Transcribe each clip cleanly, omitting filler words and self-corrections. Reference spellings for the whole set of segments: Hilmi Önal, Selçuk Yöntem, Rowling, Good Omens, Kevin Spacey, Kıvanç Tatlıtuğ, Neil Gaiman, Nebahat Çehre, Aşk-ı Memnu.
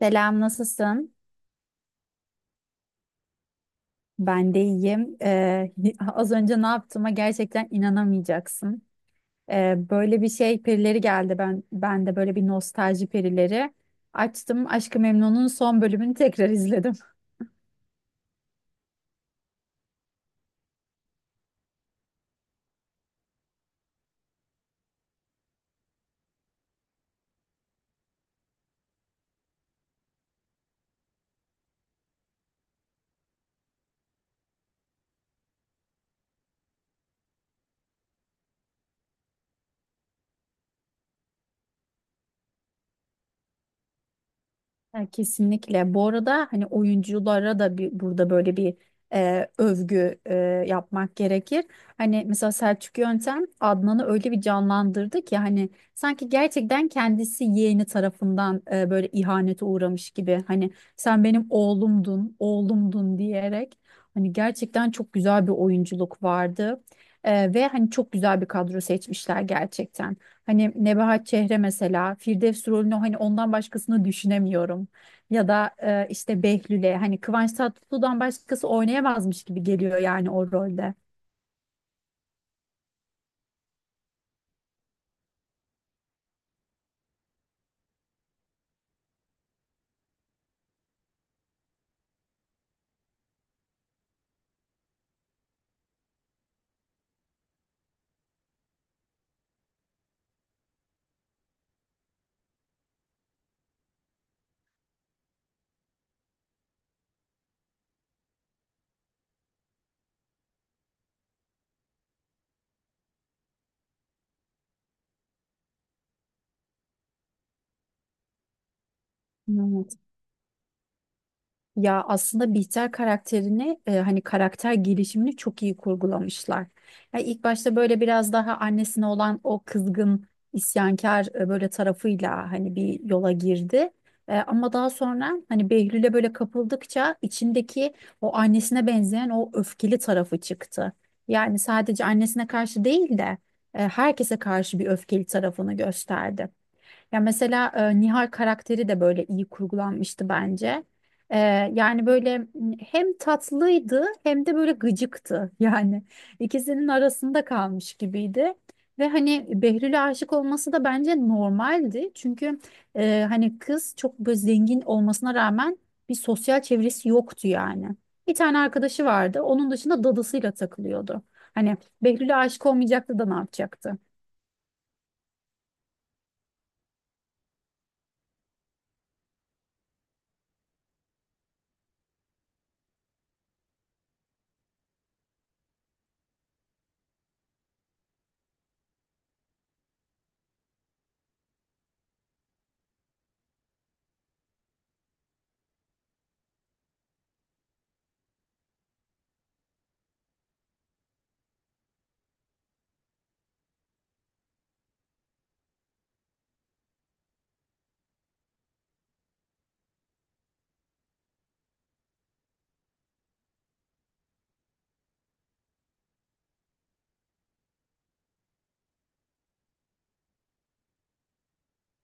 Selam, nasılsın? Ben de iyiyim. Az önce ne yaptığıma gerçekten inanamayacaksın. Böyle bir şey perileri geldi. Ben de böyle bir nostalji perileri açtım. Aşk-ı Memnu'nun son bölümünü tekrar izledim. Ya kesinlikle. Bu arada hani oyunculara da bir, burada böyle bir övgü yapmak gerekir. Hani mesela Selçuk Yöntem Adnan'ı öyle bir canlandırdı ki hani sanki gerçekten kendisi yeğeni tarafından böyle ihanete uğramış gibi. Hani sen benim oğlumdun, oğlumdun diyerek. Hani gerçekten çok güzel bir oyunculuk vardı. Ve hani çok güzel bir kadro seçmişler gerçekten. Hani Nebahat Çehre mesela Firdevs rolünü hani ondan başkasını düşünemiyorum. Ya da işte Behlül'e hani Kıvanç Tatlıtuğ'dan başkası oynayamazmış gibi geliyor yani o rolde. Hmm. Ya aslında Bihter karakterini hani karakter gelişimini çok iyi kurgulamışlar. Ya ilk başta böyle biraz daha annesine olan o kızgın isyankar böyle tarafıyla hani bir yola girdi. E, ama daha sonra hani Behlül'e böyle kapıldıkça içindeki o annesine benzeyen o öfkeli tarafı çıktı. Yani sadece annesine karşı değil de herkese karşı bir öfkeli tarafını gösterdi. Ya mesela Nihal karakteri de böyle iyi kurgulanmıştı bence. E, Yani böyle hem tatlıydı hem de böyle gıcıktı. Yani ikisinin arasında kalmış gibiydi. Ve hani Behlül'e aşık olması da bence normaldi. Çünkü hani kız çok böyle zengin olmasına rağmen bir sosyal çevresi yoktu yani. Bir tane arkadaşı vardı. Onun dışında dadısıyla takılıyordu. Hani Behlül'e aşık olmayacaktı da ne yapacaktı?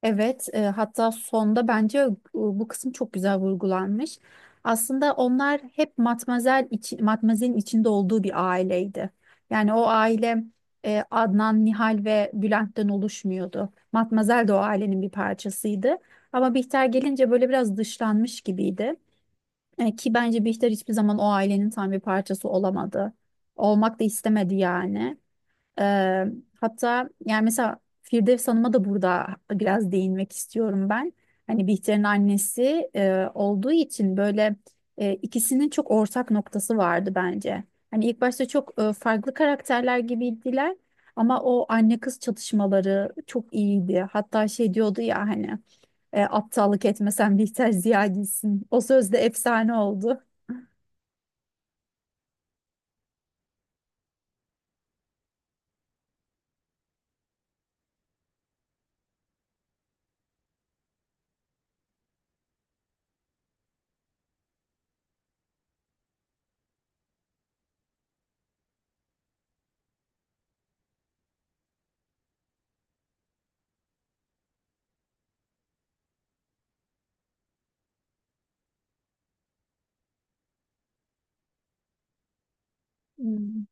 Evet, hatta sonda bence bu kısım çok güzel vurgulanmış. Aslında onlar hep Matmazel içi, Matmazel'in içinde olduğu bir aileydi. Yani o aile Adnan, Nihal ve Bülent'ten oluşmuyordu. Matmazel de o ailenin bir parçasıydı. Ama Bihter gelince böyle biraz dışlanmış gibiydi. E, ki bence Bihter hiçbir zaman o ailenin tam bir parçası olamadı. Olmak da istemedi yani. Ee, Hatta yani mesela Firdevs Hanım'a da burada biraz değinmek istiyorum ben. Hani Bihter'in annesi olduğu için böyle ikisinin çok ortak noktası vardı bence. Hani ilk başta çok farklı karakterler gibiydiler ama o anne kız çatışmaları çok iyiydi. Hatta şey diyordu ya hani aptallık etmesen Bihter Ziya gitsin. O söz de efsane oldu. Hmm.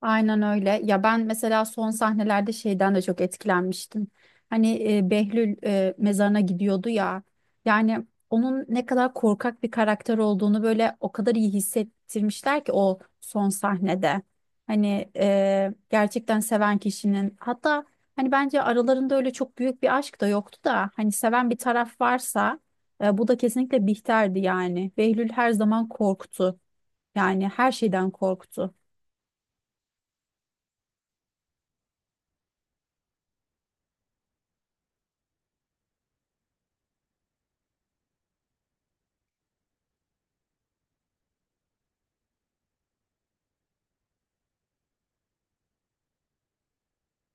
Aynen öyle. Ya ben mesela son sahnelerde şeyden de çok etkilenmiştim. Hani Behlül mezarına gidiyordu ya. Yani onun ne kadar korkak bir karakter olduğunu böyle o kadar iyi hissettirmişler ki o son sahnede. Hani gerçekten seven kişinin hatta hani bence aralarında öyle çok büyük bir aşk da yoktu da hani seven bir taraf varsa bu da kesinlikle Bihter'di yani. Behlül her zaman korktu. Yani her şeyden korktu.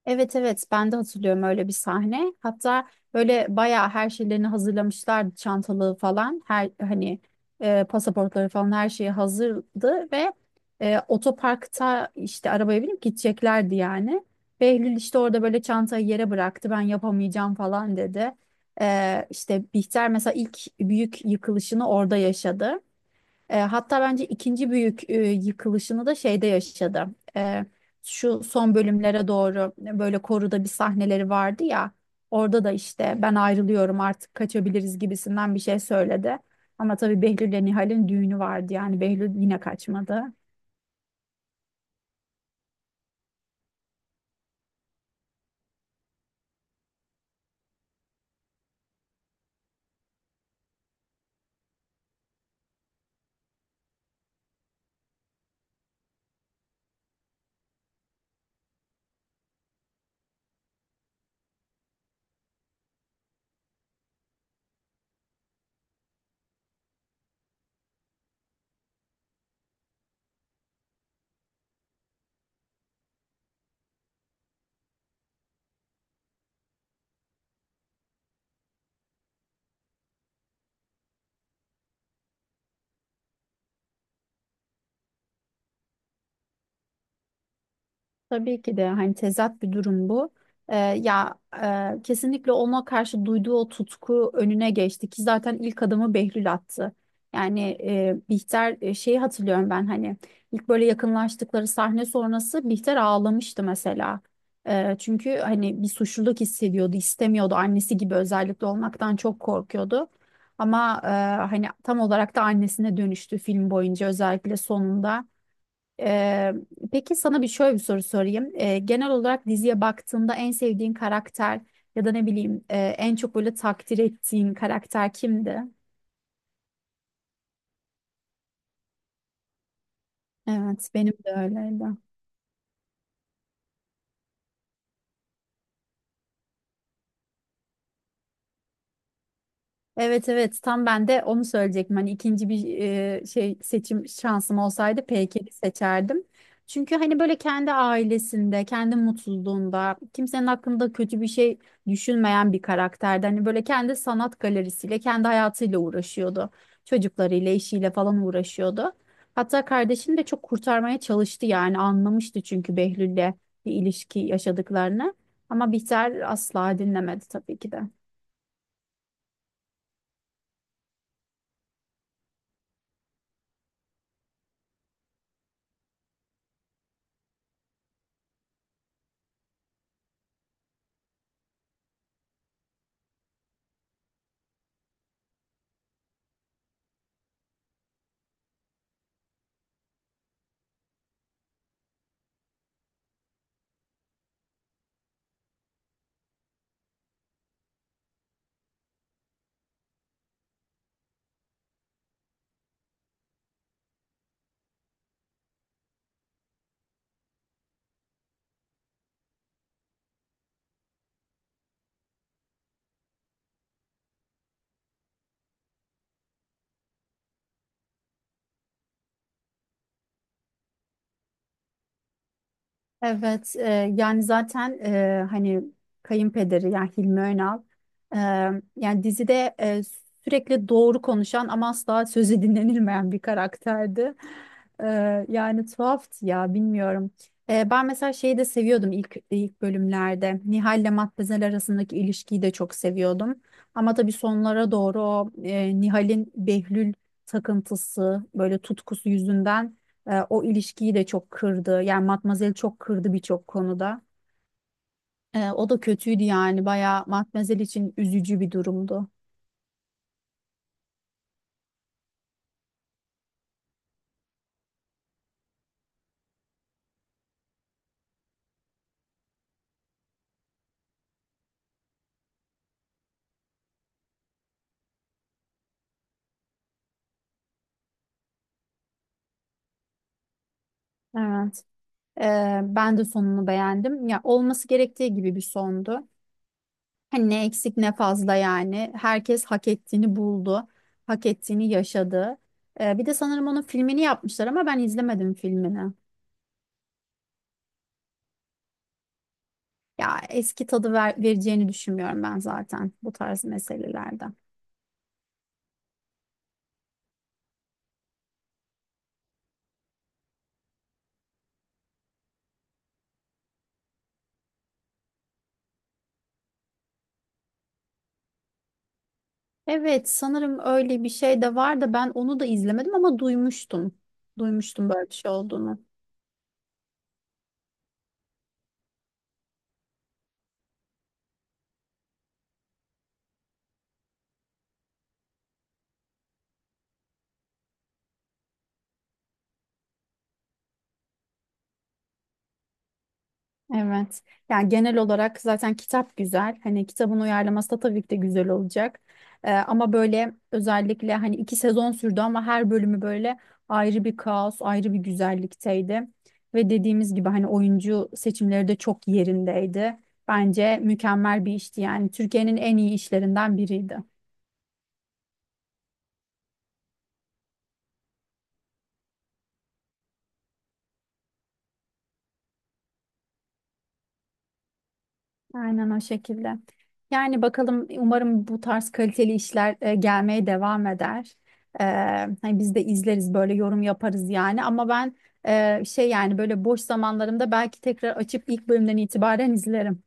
Evet, evet, ben de hatırlıyorum öyle bir sahne. Hatta böyle bayağı her şeylerini hazırlamışlardı çantalığı falan. Her hani pasaportları falan her şeyi hazırdı ve otoparkta işte arabaya binip gideceklerdi yani. Behlül işte orada böyle çantayı yere bıraktı ben yapamayacağım falan dedi. E, işte Bihter mesela ilk büyük yıkılışını orada yaşadı. E, hatta bence ikinci büyük yıkılışını da şeyde yaşadı. E, Şu son bölümlere doğru böyle koruda bir sahneleri vardı ya. Orada da işte ben ayrılıyorum artık kaçabiliriz gibisinden bir şey söyledi. Ama tabii Behlül ile Nihal'in düğünü vardı yani Behlül yine kaçmadı. Tabii ki de hani tezat bir durum bu. Ya kesinlikle ona karşı duyduğu o tutku önüne geçti ki zaten ilk adımı Behlül attı. Yani Bihter şeyi hatırlıyorum ben hani ilk böyle yakınlaştıkları sahne sonrası Bihter ağlamıştı mesela. Çünkü hani bir suçluluk hissediyordu, istemiyordu annesi gibi özellikle olmaktan çok korkuyordu. Ama hani tam olarak da annesine dönüştü film boyunca özellikle sonunda. Ee, peki sana bir şöyle bir soru sorayım. Genel olarak diziye baktığında en sevdiğin karakter ya da ne bileyim en çok böyle takdir ettiğin karakter kimdi? Evet, benim de öyleydi. Evet, evet, tam ben de onu söyleyecektim. Hani ikinci bir şey seçim şansım olsaydı Peyker'i seçerdim. Çünkü hani böyle kendi ailesinde, kendi mutluluğunda, kimsenin hakkında kötü bir şey düşünmeyen bir karakterdi. Hani böyle kendi sanat galerisiyle, kendi hayatıyla uğraşıyordu. Çocuklarıyla, eşiyle falan uğraşıyordu. Hatta kardeşini de çok kurtarmaya çalıştı yani anlamıştı çünkü Behlül'le bir ilişki yaşadıklarını. Ama Bihter asla dinlemedi tabii ki de. Evet, yani zaten hani kayınpederi yani Hilmi Önal e, yani dizide sürekli doğru konuşan ama asla sözü dinlenilmeyen bir karakterdi. E, Yani tuhaftı ya bilmiyorum. Ben mesela şeyi de seviyordum ilk bölümlerde. Nihal ile Matmazel arasındaki ilişkiyi de çok seviyordum. Ama tabii sonlara doğru o Nihal'in Behlül takıntısı böyle tutkusu yüzünden. O ilişkiyi de çok kırdı. Yani Matmazel çok kırdı birçok konuda. E, o da kötüydü yani. Bayağı Matmazel için üzücü bir durumdu. Evet. E, ben de sonunu beğendim. Ya olması gerektiği gibi bir sondu. Hani ne eksik ne fazla yani. Herkes hak ettiğini buldu. Hak ettiğini yaşadı. Bir de sanırım onun filmini yapmışlar ama ben izlemedim filmini. Ya eski tadı vereceğini düşünmüyorum ben zaten bu tarz meselelerde. Evet, sanırım öyle bir şey de var da ben onu da izlemedim ama duymuştum. Duymuştum böyle bir şey olduğunu. Evet. Yani genel olarak zaten kitap güzel. Hani kitabın uyarlaması da tabii ki de güzel olacak. Ama böyle özellikle hani iki sezon sürdü ama her bölümü böyle ayrı bir kaos, ayrı bir güzellikteydi. Ve dediğimiz gibi hani oyuncu seçimleri de çok yerindeydi. Bence mükemmel bir işti yani. Türkiye'nin en iyi işlerinden biriydi. Aynen o şekilde. Yani bakalım umarım bu tarz kaliteli işler gelmeye devam eder. E, Hani biz de izleriz böyle yorum yaparız yani. Ama ben şey yani böyle boş zamanlarımda belki tekrar açıp ilk bölümden itibaren izlerim.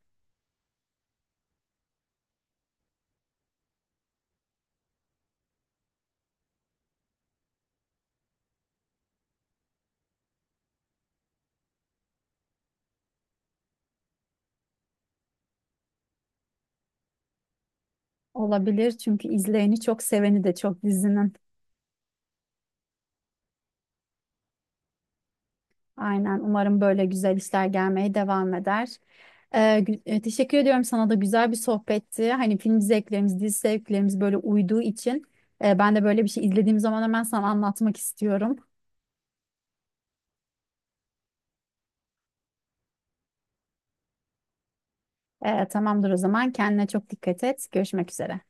Olabilir çünkü izleyeni çok seveni de çok dizinin. Aynen. Umarım böyle güzel işler gelmeye devam eder. Teşekkür ediyorum sana da güzel bir sohbetti. Hani film zevklerimiz, dizi zevklerimiz böyle uyduğu için ben de böyle bir şey izlediğim zaman hemen sana anlatmak istiyorum. Tamamdır o zaman. Kendine çok dikkat et. Görüşmek üzere.